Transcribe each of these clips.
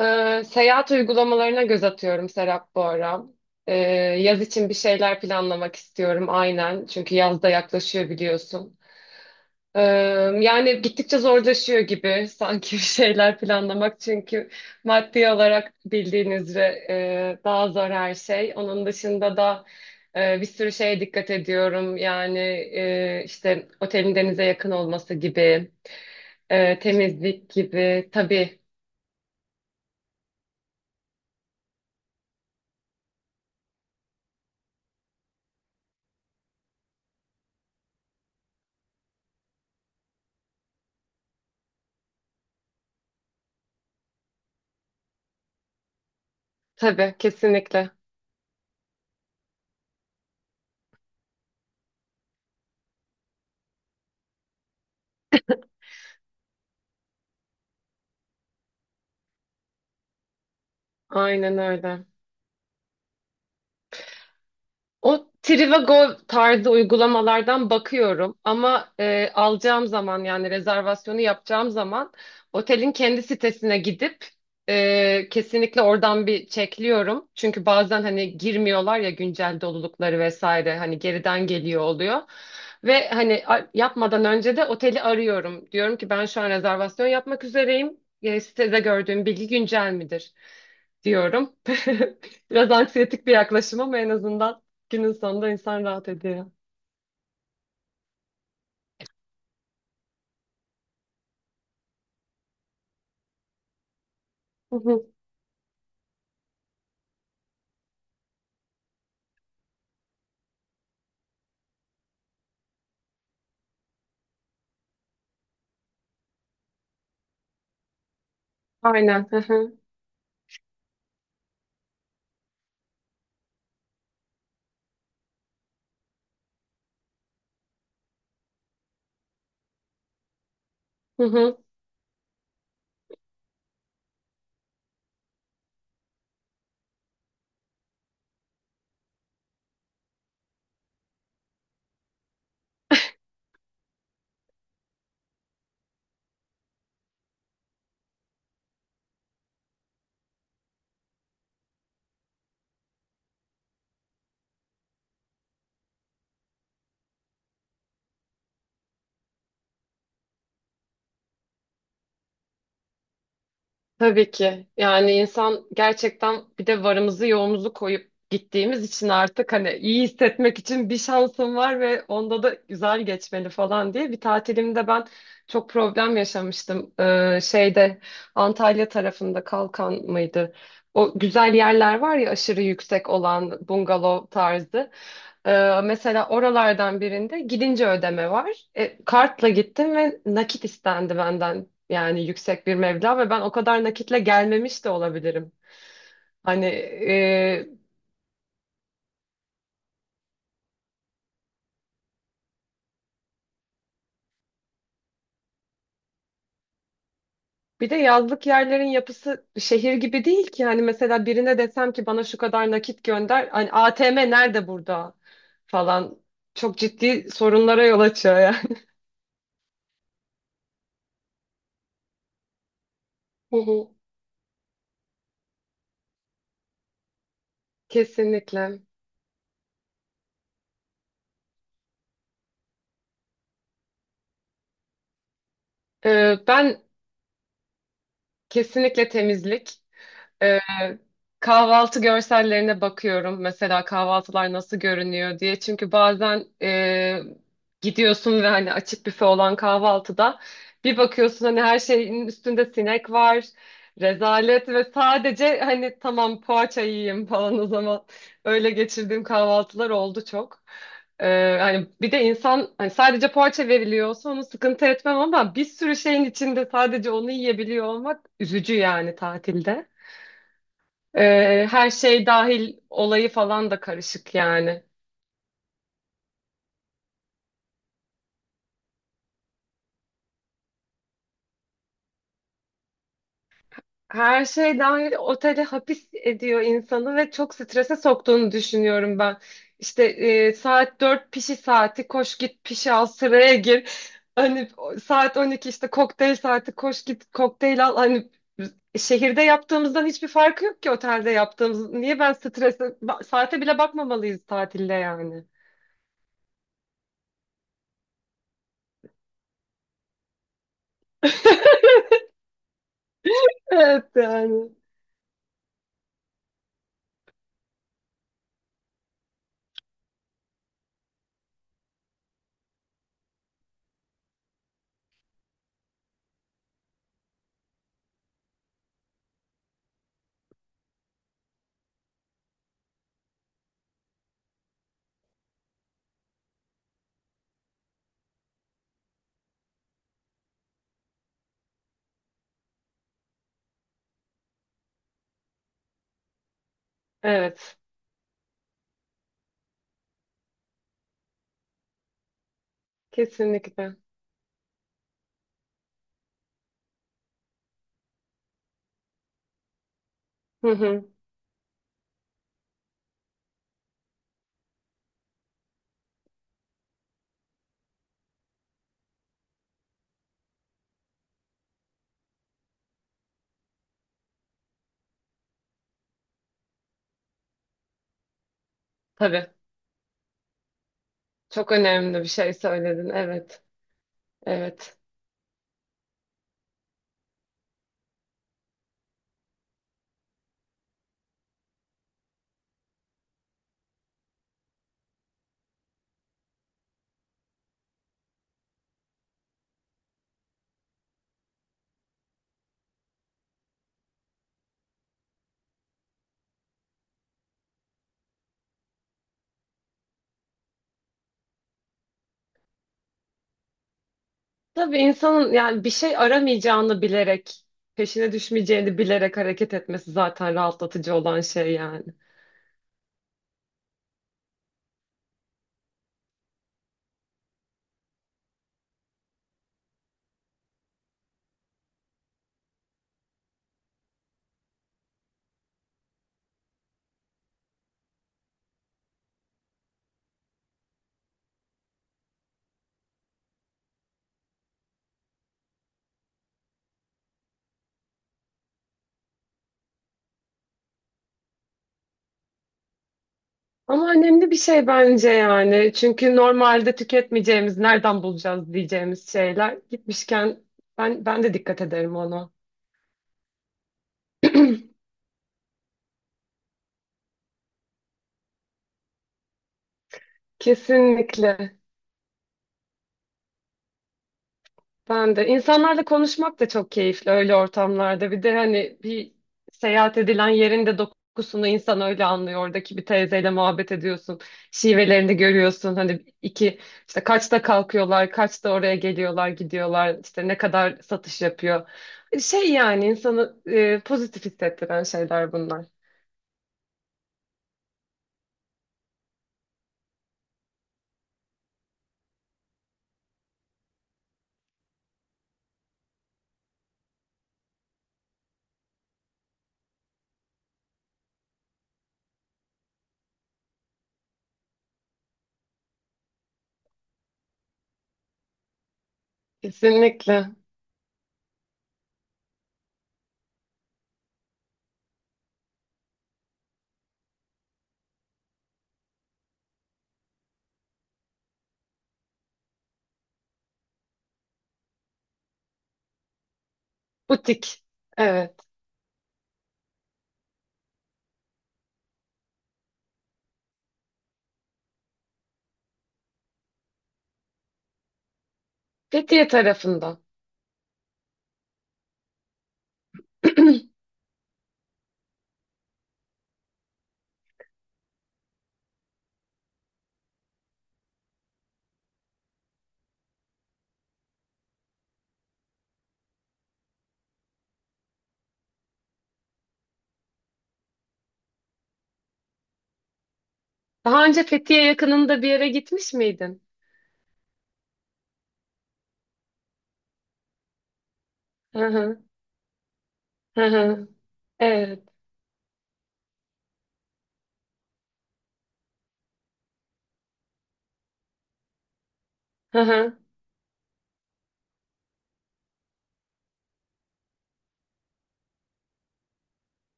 Seyahat uygulamalarına göz atıyorum Serap bu ara. Ee, Yaz için bir şeyler planlamak istiyorum aynen. Çünkü yaz da yaklaşıyor biliyorsun. Ee, Yani gittikçe zorlaşıyor gibi sanki bir şeyler planlamak. Çünkü maddi olarak bildiğiniz üzere daha zor her şey. Onun dışında da bir sürü şeye dikkat ediyorum. Yani işte otelin denize yakın olması gibi, temizlik gibi. Tabii, tabii kesinlikle. Aynen öyle. O Trivago tarzı uygulamalardan bakıyorum ama alacağım zaman yani rezervasyonu yapacağım zaman otelin kendi sitesine gidip kesinlikle oradan bir çekliyorum. Çünkü bazen hani girmiyorlar ya güncel dolulukları vesaire hani geriden geliyor oluyor. Ve hani yapmadan önce de oteli arıyorum. Diyorum ki ben şu an rezervasyon yapmak üzereyim. Sitede gördüğüm bilgi güncel midir diyorum. Biraz anksiyetik bir yaklaşım ama en azından. Günün sonunda insan rahat ediyor. Hı hı. Aynen. Hı hı. Hı hı. Tabii ki. Yani insan gerçekten bir de varımızı yoğumuzu koyup gittiğimiz için artık hani iyi hissetmek için bir şansım var ve onda da güzel geçmeli falan diye. Bir tatilimde ben çok problem yaşamıştım. Şeyde Antalya tarafında Kalkan mıydı? O güzel yerler var ya aşırı yüksek olan bungalov tarzı. Mesela oralardan birinde gidince ödeme var. Kartla gittim ve nakit istendi benden. Yani yüksek bir meblağ ve ben o kadar nakitle gelmemiş de olabilirim. Hani bir de yazlık yerlerin yapısı şehir gibi değil ki. Hani mesela birine desem ki bana şu kadar nakit gönder. Hani ATM nerede burada falan. Çok ciddi sorunlara yol açıyor yani. Hı hı. Kesinlikle. Ben kesinlikle temizlik. Ee, Kahvaltı görsellerine bakıyorum. Mesela kahvaltılar nasıl görünüyor diye. Çünkü bazen gidiyorsun ve hani açık büfe olan kahvaltıda bir bakıyorsun hani her şeyin üstünde sinek var. Rezalet ve sadece hani tamam poğaça yiyeyim falan o zaman öyle geçirdiğim kahvaltılar oldu çok. Hani bir de insan hani sadece poğaça veriliyorsa onu sıkıntı etmem ama bir sürü şeyin içinde sadece onu yiyebiliyor olmak üzücü yani tatilde. Her şey dahil olayı falan da karışık yani. Her şey dahil otele hapis ediyor insanı ve çok strese soktuğunu düşünüyorum ben. İşte saat 4 pişi saati koş git pişi al sıraya gir. Hani saat 12 işte kokteyl saati koş git kokteyl al. Hani şehirde yaptığımızdan hiçbir farkı yok ki otelde yaptığımız. Niye ben strese saate bile bakmamalıyız tatilde yani. Evet yani. Evet kesinlikle. Hı hı. Tabii. Çok önemli bir şey söyledin. Evet. Evet. Tabii insanın yani bir şey aramayacağını bilerek, peşine düşmeyeceğini bilerek hareket etmesi zaten rahatlatıcı olan şey yani. Ama önemli bir şey bence yani. Çünkü normalde tüketmeyeceğimiz, nereden bulacağız diyeceğimiz şeyler gitmişken ben de dikkat ederim ona. Kesinlikle. Ben de. İnsanlarla konuşmak da çok keyifli öyle ortamlarda. Bir de hani bir seyahat edilen yerin de dokusunu insan öyle anlıyor. Oradaki bir teyzeyle muhabbet ediyorsun. Şivelerini görüyorsun. Hani iki işte kaçta kalkıyorlar, kaçta oraya geliyorlar, gidiyorlar. İşte ne kadar satış yapıyor. Şey yani insanı pozitif hissettiren şeyler bunlar. Kesinlikle. Butik. Evet. Fethiye tarafında. Daha önce Fethiye yakınında bir yere gitmiş miydin? Hı hı, hı hı. Evet. Hı hı.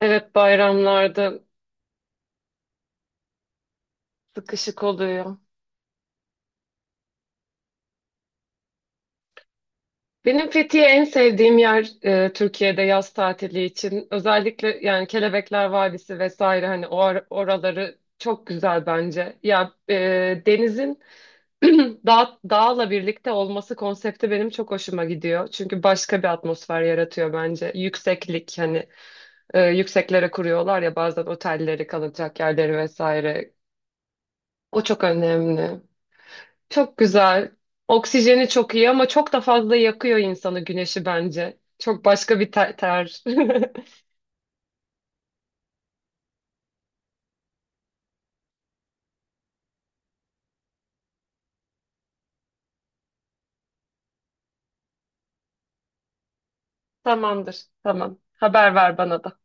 Evet, bayramlarda sıkışık oluyor. Benim Fethiye en sevdiğim yer Türkiye'de yaz tatili için. Özellikle yani Kelebekler Vadisi vesaire hani oraları çok güzel bence. Ya denizin dağla birlikte olması konsepti benim çok hoşuma gidiyor. Çünkü başka bir atmosfer yaratıyor bence. Yükseklik hani yükseklere kuruyorlar ya bazen otelleri kalacak yerleri vesaire. O çok önemli. Çok güzel. Oksijeni çok iyi ama çok da fazla yakıyor insanı güneşi bence. Çok başka bir ter. Tamamdır. Tamam. Haber ver bana da.